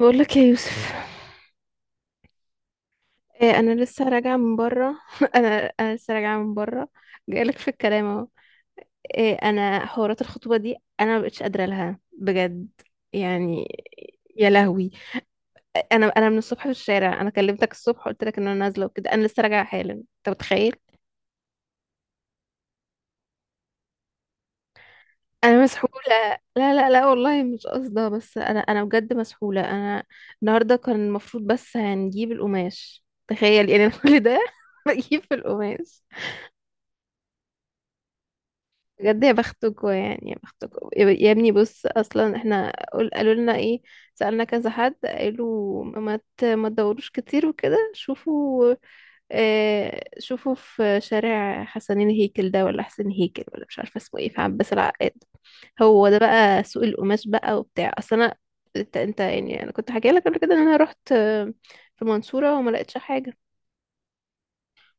بقول لك يا يوسف. إيه، انا لسه راجعه من بره. انا لسه راجعه من بره. جاي لك في الكلام اهو. إيه، انا حوارات الخطوبه دي انا ما بقتش قادره لها بجد يعني. يا لهوي. انا من الصبح في الشارع، انا كلمتك الصبح قلت لك ان انا نازله وكده، انا لسه راجعه حالا. انت متخيل؟ انا مسحوله. لا لا لا، والله مش قصده، بس انا بجد مسحوله انا. النهارده كان المفروض بس هنجيب القماش، تخيل يعني. أنا كل ده بجيب في القماش. بجد يا بختكوا، يعني يا بختكوا يا ابني. بص اصلا احنا قالوا لنا ايه؟ سألنا كذا حد قالوا ما تدوروش كتير وكده، شوفوا اه شوفوا في شارع حسنين هيكل ده، ولا حسين هيكل ولا مش عارفه اسمه ايه، في عباس العقاد. هو ده بقى سوق القماش بقى وبتاع. اصل انا، انت يعني، انا كنت حكي لك قبل كده ان انا رحت في المنصوره وما لقيتش حاجه.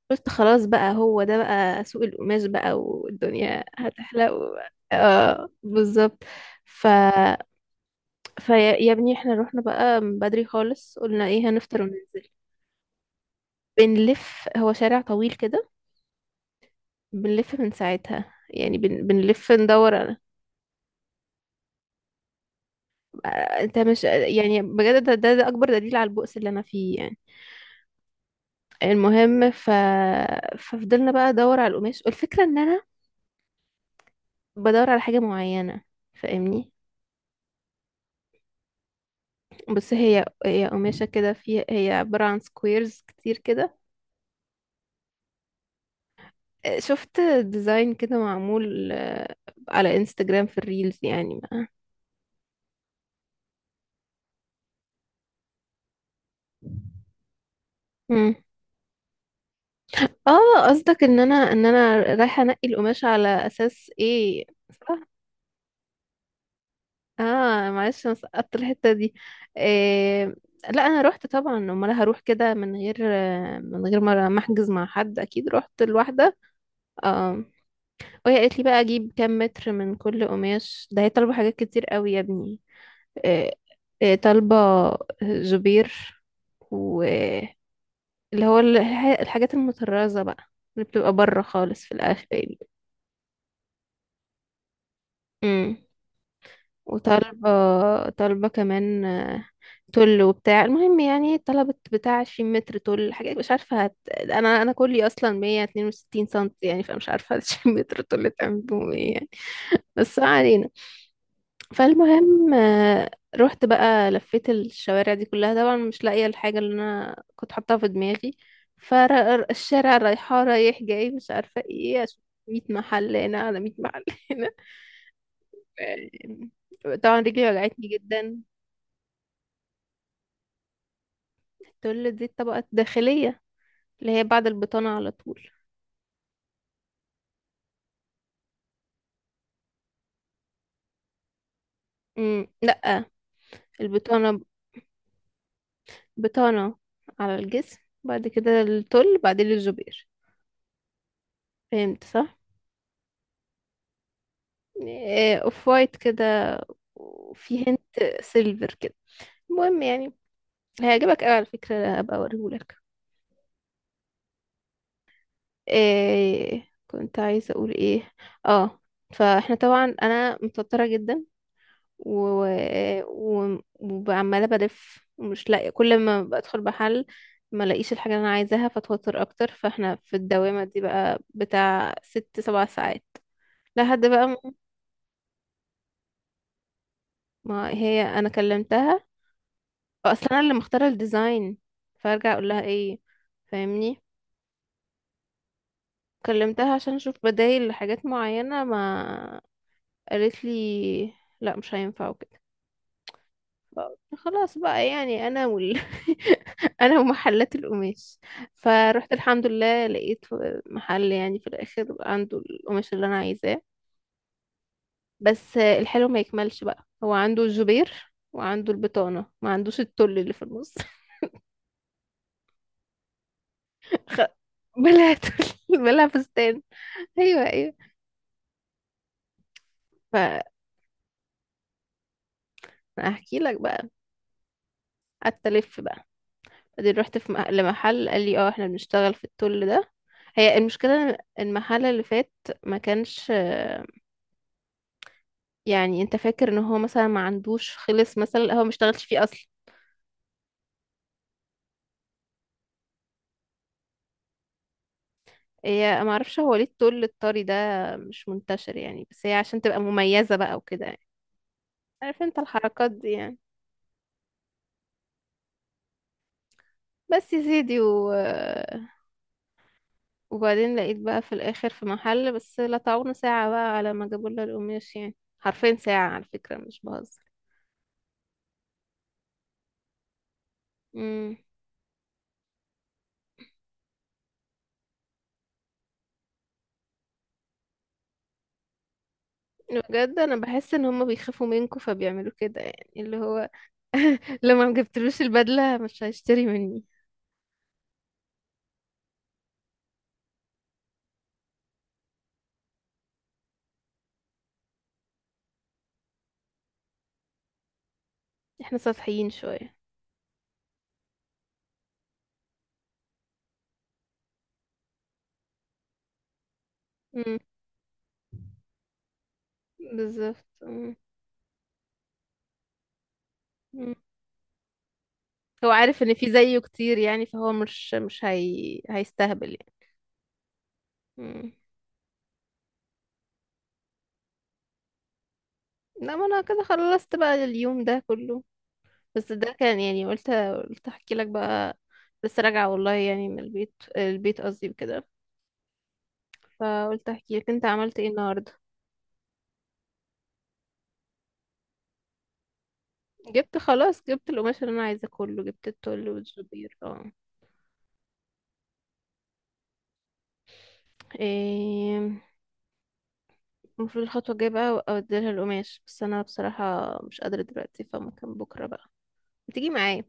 قلت خلاص بقى هو ده بقى سوق القماش بقى، والدنيا هتحلق اه بالظبط. ف فيا يا ابني احنا رحنا بقى من بدري خالص، قلنا ايه هنفطر وننزل. بنلف، هو شارع طويل كده. بنلف من ساعتها يعني، بنلف ندور أنا. آه، انت مش يعني بجد، ده اكبر دليل على البؤس اللي انا فيه يعني. المهم ف... ففضلنا بقى ادور على القماش. والفكرة ان انا بدور على حاجة معينة، فاهمني. بس هي قماشة كده، في هي عبارة عن سكويرز كتير كده. شفت ديزاين كده معمول على انستجرام في الريلز يعني ما. مم. اه قصدك ان انا ان انا رايحة انقي القماشة على اساس ايه؟ صح. اه معلش انا سقطت الحتة دي. إيه... لا انا رحت طبعا، امال هروح كده من غير من غير ما احجز مع حد، اكيد رحت لوحدة. اه. وهي قالت لي بقى اجيب كام متر من كل قماش ده، هي طالبه حاجات كتير قوي يا ابني. آه، طالبة زبير واللي هو الحاجات المطرزة بقى، اللي بتبقى بره خالص في الآخر دي. امم. وطالبة، طالبة كمان تل وبتاع. المهم يعني طلبت بتاع 20 متر تل، حاجة مش عارفة أنا كلي أصلا 162 سنتي يعني، فمش عارفة 20 متر تل تعمل بهم ايه يعني. بس ما علينا. فالمهم رحت بقى لفيت الشوارع دي كلها، طبعا مش لاقية الحاجة اللي انا كنت حاطاها في دماغي. فالشارع رايحة رايح جاي، مش عارفة ايه اشوف. 100 محل هنا على 100 محل هنا. طبعا رجلي وجعتني جدا. تقول دي الطبقة الداخلية، اللي هي بعد البطانة على طول. لا، البطانة، بطانة على الجسم. بعد كده التل، بعدين الجبير. فهمت صح. اوف وايت كده، وفي هنت سيلفر كده. المهم يعني هيعجبك قوي على فكرة، هبقى اوريهولك. كنت عايزة اقول ايه. اه. فاحنا طبعا انا متوترة جدا، و... وعمالة بلف ومش لاقية، كل ما بدخل محل ما لاقيش الحاجة اللي انا عايزاها، فاتوتر اكتر. فاحنا في الدوامة دي بقى بتاع ست سبع ساعات. لحد بقى ما. ما هي انا كلمتها، اصلا انا اللي مختاره الديزاين، فارجع اقول لها ايه؟ فاهمني. كلمتها عشان اشوف بدايل لحاجات معينه ما، قالت لي لا مش هينفع وكده. فقلت خلاص بقى، يعني انا ومحلات القماش. فروحت الحمد لله لقيت محل يعني في الاخر عنده القماش اللي انا عايزاه، بس الحلو ما يكملش بقى. هو عنده الجبير وعنده البطانه، ما عندوش التل اللي في النص. خ- بلا تل، بلا فستان. ايوه ايوه. فاحكي لك بقى. قعدت الف بقى، بعدين رحت لمحل، قال لي اه احنا بنشتغل في التول ده. هي المشكله إن المحل اللي فات ما كانش يعني انت فاكر ان هو مثلا ما عندوش، خلص مثلا هو ما اشتغلش فيه اصلا. هي ما اعرفش هو ليه التول الطري ده مش منتشر يعني، بس هي عشان تبقى مميزه بقى وكده يعني. عارف انت الحركات دي يعني. بس يا سيدي و وبعدين لقيت بقى في الاخر في محل، بس لا تعونا ساعة بقى على ما جابوا لنا القماش، يعني حرفين ساعة على فكرة مش بهزر. امم. بجد انا بحس ان هما بيخافوا منكم فبيعملوا كده، يعني اللي هو لما ما جبتلوش البدلة مش هيشتري مني. احنا سطحيين شوية. امم. بالظبط. امم. أمم. هو عارف ان في زيه كتير يعني، فهو مش مش هي... هيستهبل يعني. امم. لا ما انا كده خلصت بقى اليوم ده كله. بس ده كان يعني، قلت احكي لك بقى. لسه راجعة والله يعني، من البيت، البيت قصدي وكده. فقلت احكي لك انت عملت ايه النهارده. جبت القماش اللي انا عايزاه كله، جبت التول والجبير اه. إيه، المفروض الخطوة الجاية بقى اوديلها القماش، بس انا بصراحة مش قادرة دلوقتي، فممكن بكرة بقى تيجي معايا.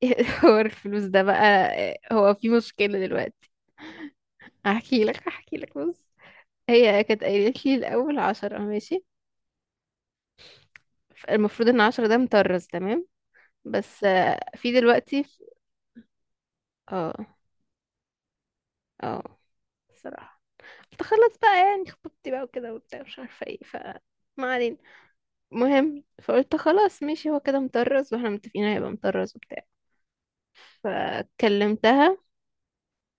هو الفلوس ده بقى، هو في مشكلة دلوقتي. هحكي لك بص. هي كانت قايلة لي الأول عشرة ماشي، المفروض ان عشرة ده مطرز تمام، بس في دلوقتي. اه اه صراحة. قلت خلاص بقى يعني، خطوبتي بقى وكده وبتاع مش عارفة ايه. ف ما علينا. المهم فقلت خلاص ماشي، هو كده مطرز واحنا متفقين هيبقى مطرز وبتاع. فكلمتها،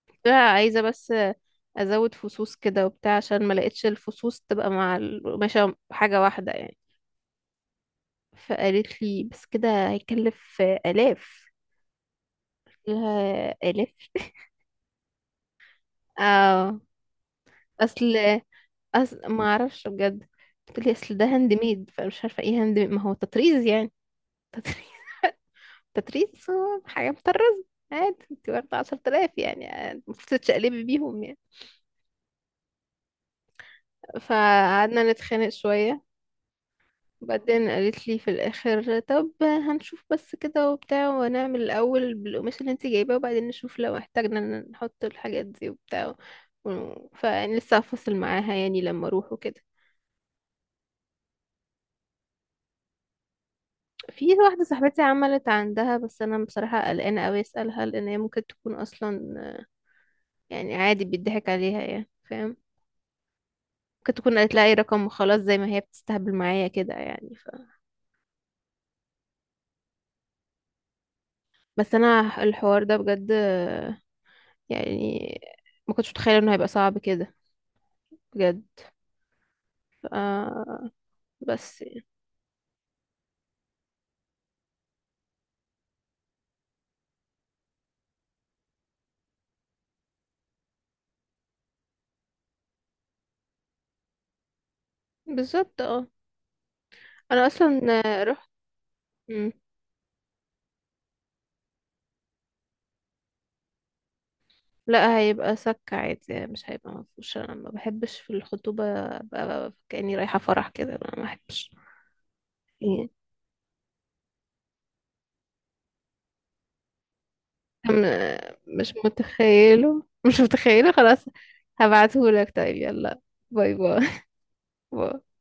قلت لها عايزة بس ازود فصوص كده وبتاع، عشان ما لقيتش الفصوص تبقى مع القماشة حاجة واحدة يعني. فقالت لي بس كده هيكلف آلاف. قلت لها آلاف؟ اه. اصل ما اعرفش بجد. بتقولي اصل ده هاند ميد، فمش عارفه ايه هاند ميد ما هو تطريز يعني. تطريز تطريز، هو حاجه مطرزه عادي. انت واخده 10,000 يعني، المفروض تتشقلبي بيهم يعني. فقعدنا نتخانق شويه. بعدين قالت لي في الاخر طب هنشوف بس كده وبتاع، ونعمل الاول بالقماش اللي انت جايباه، وبعدين نشوف لو احتاجنا إن نحط الحاجات دي وبتاع. فلسه هفصل معاها يعني لما اروح وكده. في واحدة صاحبتي عملت عندها، بس أنا بصراحة قلقانة أوي أسألها، لأن هي ممكن تكون أصلا يعني عادي بيضحك عليها يعني، فاهم؟ ممكن تكون قالت لها أي رقم وخلاص، زي ما هي بتستهبل معايا كده يعني بس أنا الحوار ده بجد يعني، ما كنتش متخيلة إنه هيبقى صعب كده بجد. آه، بس يعني. بالظبط اه. أنا أصلا رحت. مم. لا هيبقى سك عادي يعني، مش هيبقى مفهوش، أنا ما بحبش في الخطوبة أبقى كأني رايحة فرح كده، أنا ما بحبش. مش متخيله، مش متخيله خلاص. هبعتهولك طيب يلا. باي باي. باي.